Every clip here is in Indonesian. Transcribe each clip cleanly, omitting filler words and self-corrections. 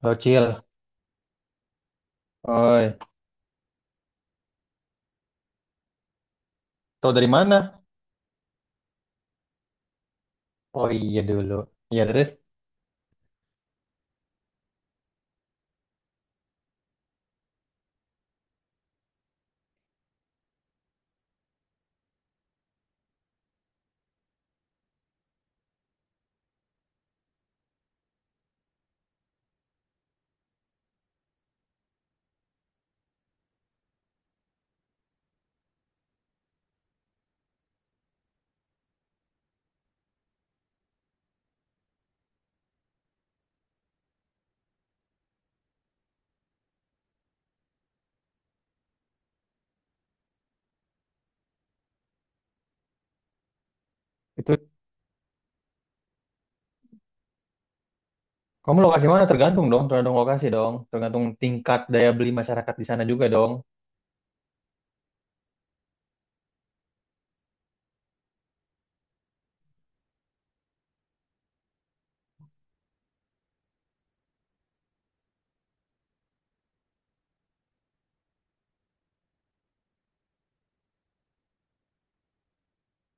Halo Cil, oi, tau dari mana? Oh iya dulu, iya terus itu kamu lokasi mana? Tergantung dong, tergantung lokasi dong, tergantung tingkat daya beli masyarakat di sana juga dong.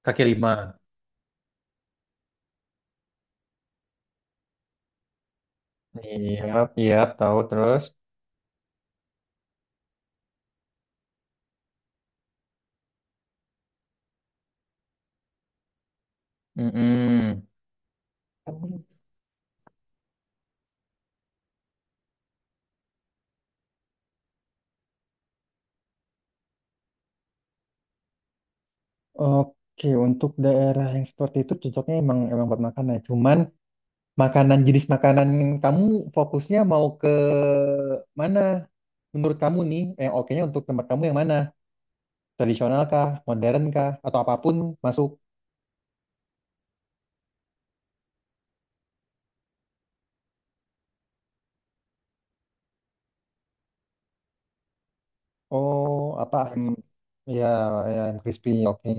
Kaki lima. Iya, iya tahu terus. Mm-mm. Oke, untuk daerah yang seperti itu cocoknya emang emang buat makan ya. Cuman makanan jenis makanan yang kamu fokusnya mau ke mana? Menurut kamu nih, yang oke-nya untuk tempat kamu yang mana? Tradisional kah, modern kah, atau apapun masuk. Oh, apa ayam, ya, ya ayam crispy, oke.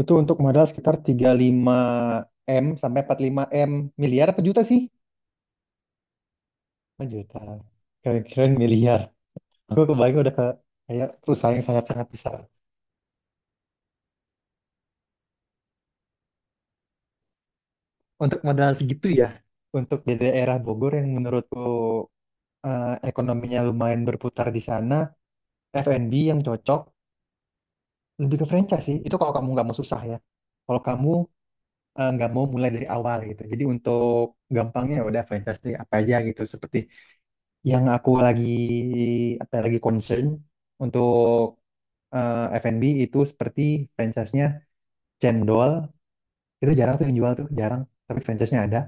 Itu untuk modal sekitar 35 m sampai 45 m. Miliar apa juta sih? Oh, juta. Kira-kira miliar. Aku kebayang udah ke kayak perusahaan yang sangat-sangat besar. Untuk modal segitu ya, untuk di daerah Bogor yang menurutku ekonominya lumayan berputar di sana, F&B yang cocok lebih ke franchise sih. Itu kalau kamu nggak mau susah ya. Kalau kamu nggak mau mulai dari awal gitu. Jadi untuk gampangnya ya udah fantastik apa aja gitu. Seperti yang aku lagi apa lagi concern untuk F&B itu seperti franchise-nya Cendol itu jarang tuh yang jual tuh jarang. Tapi franchise-nya ada.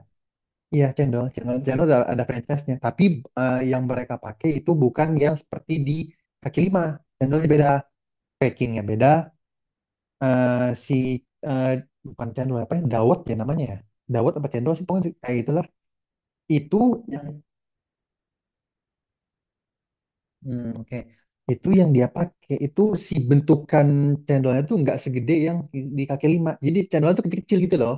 Iya Cendol, Cendol, Cendol ada franchise-nya. Tapi yang mereka pakai itu bukan yang seperti di kaki lima. Cendolnya beda, packingnya beda. Eh, si eh, bukan cendol apa ya? Dawet ya namanya ya. Dawet apa cendol sih pokoknya kayak itulah itu yang hmm, oke itu yang dia pakai itu si bentukan cendolnya tuh nggak segede yang di kaki lima, jadi cendolnya tuh kecil-kecil gitu loh.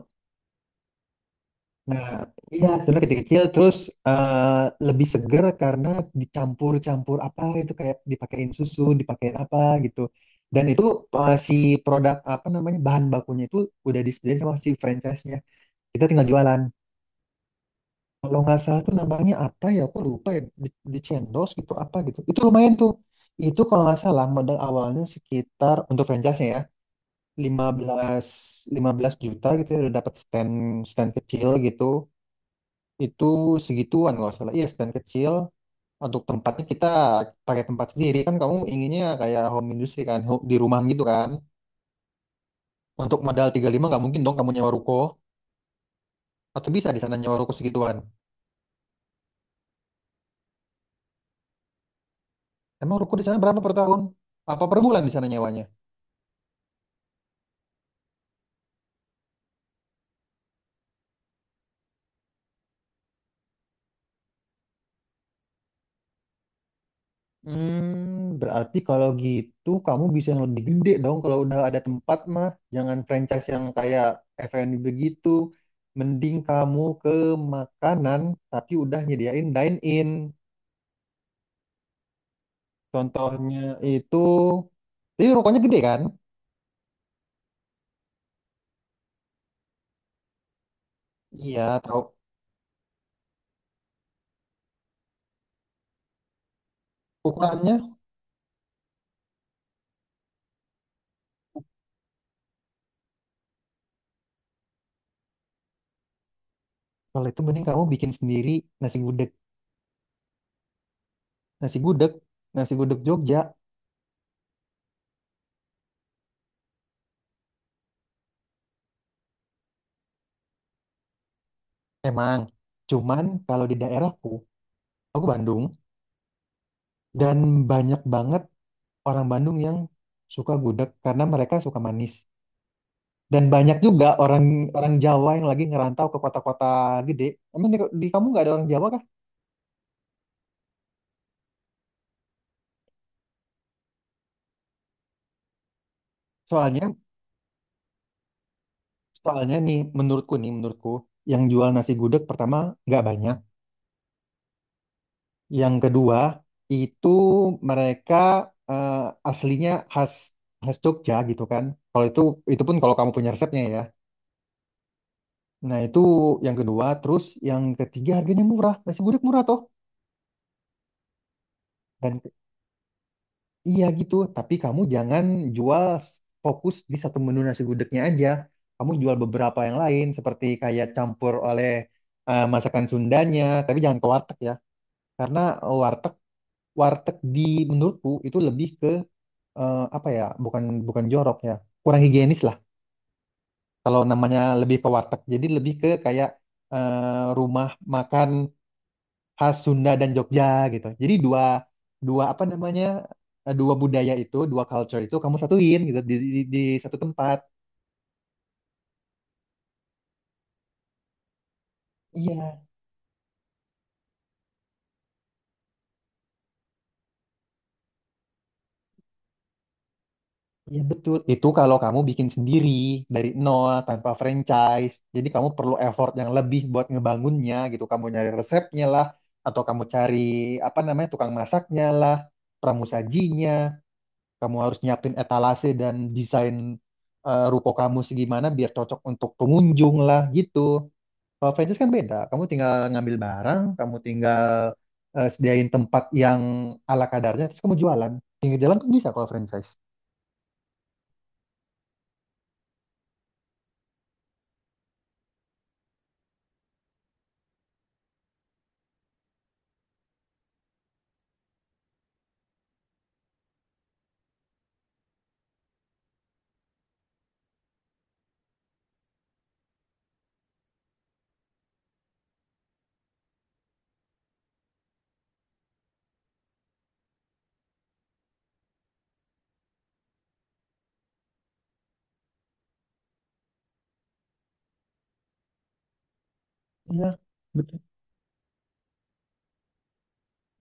Nah iya cendolnya kecil-kecil terus lebih seger karena dicampur-campur apa itu kayak dipakein susu dipakein apa gitu. Dan itu si produk apa namanya bahan bakunya itu udah disediain sama si franchise-nya, kita tinggal jualan. Kalau nggak salah tuh namanya apa ya aku lupa ya, di Cendol gitu apa gitu itu lumayan tuh. Itu kalau nggak salah modal awalnya sekitar untuk franchise-nya ya lima belas 15 juta gitu ya udah dapat stand stand kecil gitu. Itu segituan kalau nggak salah, iya stand kecil. Untuk tempatnya kita pakai tempat sendiri kan, kamu inginnya kayak home industry kan, di rumah gitu kan. Untuk modal 35 nggak mungkin dong kamu nyewa ruko, atau bisa di sana nyewa ruko segituan? Emang ruko di sana berapa per tahun apa per bulan di sana nyewanya? Hmm, berarti kalau gitu kamu bisa yang lebih gede dong kalau udah ada tempat mah. Jangan franchise yang kayak F&B begitu. Mending kamu ke makanan tapi udah nyediain dine-in. Contohnya itu, jadi rokoknya gede kan? Iya, tahu. Ukurannya, kalau itu mending kamu bikin sendiri nasi gudeg. Nasi gudeg, nasi gudeg Jogja, emang. Cuman kalau di daerahku, aku Bandung, dan banyak banget orang Bandung yang suka gudeg karena mereka suka manis. Dan banyak juga orang orang Jawa yang lagi ngerantau ke kota-kota gede. Emang di kamu nggak ada orang Jawa kah? Soalnya soalnya nih menurutku yang jual nasi gudeg pertama nggak banyak. Yang kedua itu mereka eh, aslinya khas khas Jogja gitu kan. Kalau itu pun kalau kamu punya resepnya ya. Nah itu yang kedua. Terus yang ketiga harganya murah. Nasi gudeg murah toh. Dan iya gitu, tapi kamu jangan jual s- fokus di satu menu nasi gudegnya aja. Kamu jual beberapa yang lain, seperti kayak campur oleh masakan Sundanya, tapi jangan ke warteg ya. Karena warteg warteg menurutku itu lebih ke apa ya? Bukan bukan jorok ya, kurang higienis lah. Kalau namanya lebih ke warteg, jadi lebih ke kayak rumah makan khas Sunda dan Jogja gitu. Jadi dua dua apa namanya dua budaya itu, dua culture itu kamu satuin gitu di satu tempat. Iya, iya betul. Itu kalau kamu bikin sendiri dari nol tanpa franchise. Jadi kamu perlu effort yang lebih buat ngebangunnya gitu. Kamu nyari resepnya lah, atau kamu cari apa namanya tukang masaknya lah, pramusajinya. Kamu harus nyiapin etalase dan desain ruko kamu segimana biar cocok untuk pengunjung lah gitu. Kalau franchise kan beda. Kamu tinggal ngambil barang, kamu tinggal sediain tempat yang ala kadarnya, terus kamu jualan. Pinggir jalan kan bisa kalau franchise. Iya, betul.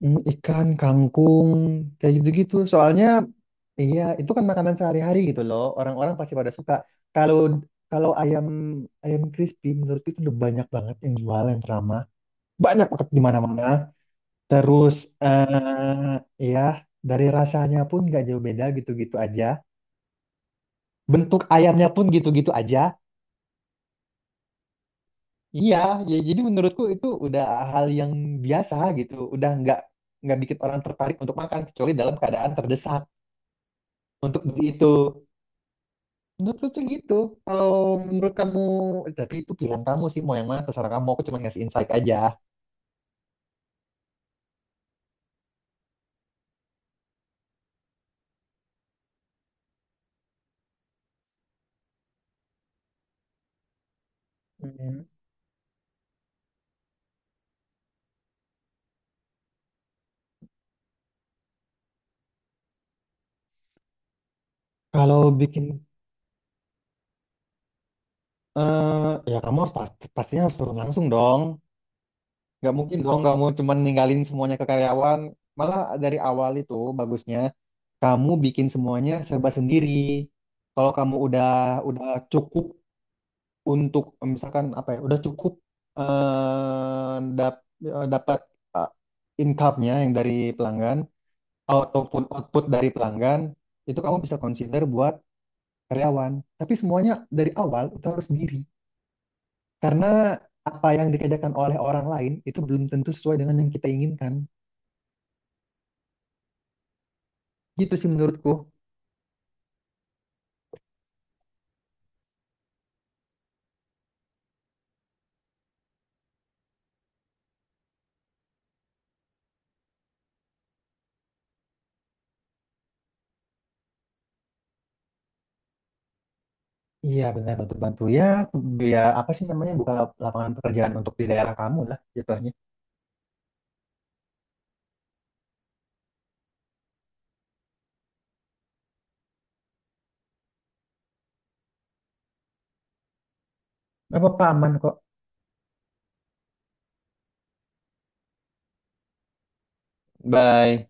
Mm, ikan, kangkung, kayak gitu-gitu. Soalnya, iya, itu kan makanan sehari-hari gitu loh. Orang-orang pasti pada suka. Kalau kalau ayam ayam crispy, menurutku itu udah banyak banget yang jualan pertama. Banyak banget di mana-mana. Terus, eh ya, dari rasanya pun nggak jauh beda gitu-gitu aja. Bentuk ayamnya pun gitu-gitu aja. Iya, ya jadi menurutku itu udah hal yang biasa gitu. Udah nggak bikin orang tertarik untuk makan kecuali dalam keadaan terdesak untuk beli itu. Menurutku sih gitu. Kalau Menurut kamu, tapi itu pilihan kamu sih mau yang mana terserah kamu. Aku cuma ngasih insight aja. Mhm. Kalau bikin, ya kamu harus pastinya harus turun langsung dong. Nggak mungkin dong kamu cuma ninggalin semuanya ke karyawan. Malah dari awal itu bagusnya kamu bikin semuanya serba sendiri. Kalau kamu udah cukup untuk misalkan apa ya, udah cukup eh, dap- dapat eh, income-nya yang dari pelanggan ataupun output dari pelanggan itu kamu bisa consider buat karyawan. Tapi semuanya dari awal itu harus sendiri karena apa yang dikerjakan oleh orang lain itu belum tentu sesuai dengan yang kita inginkan. Gitu sih menurutku. Iya benar bantu-bantu ya, dia apa sih namanya buka lapangan pekerjaan untuk di daerah kamu lah jatuhnya. Apa apa aman kok. Bye.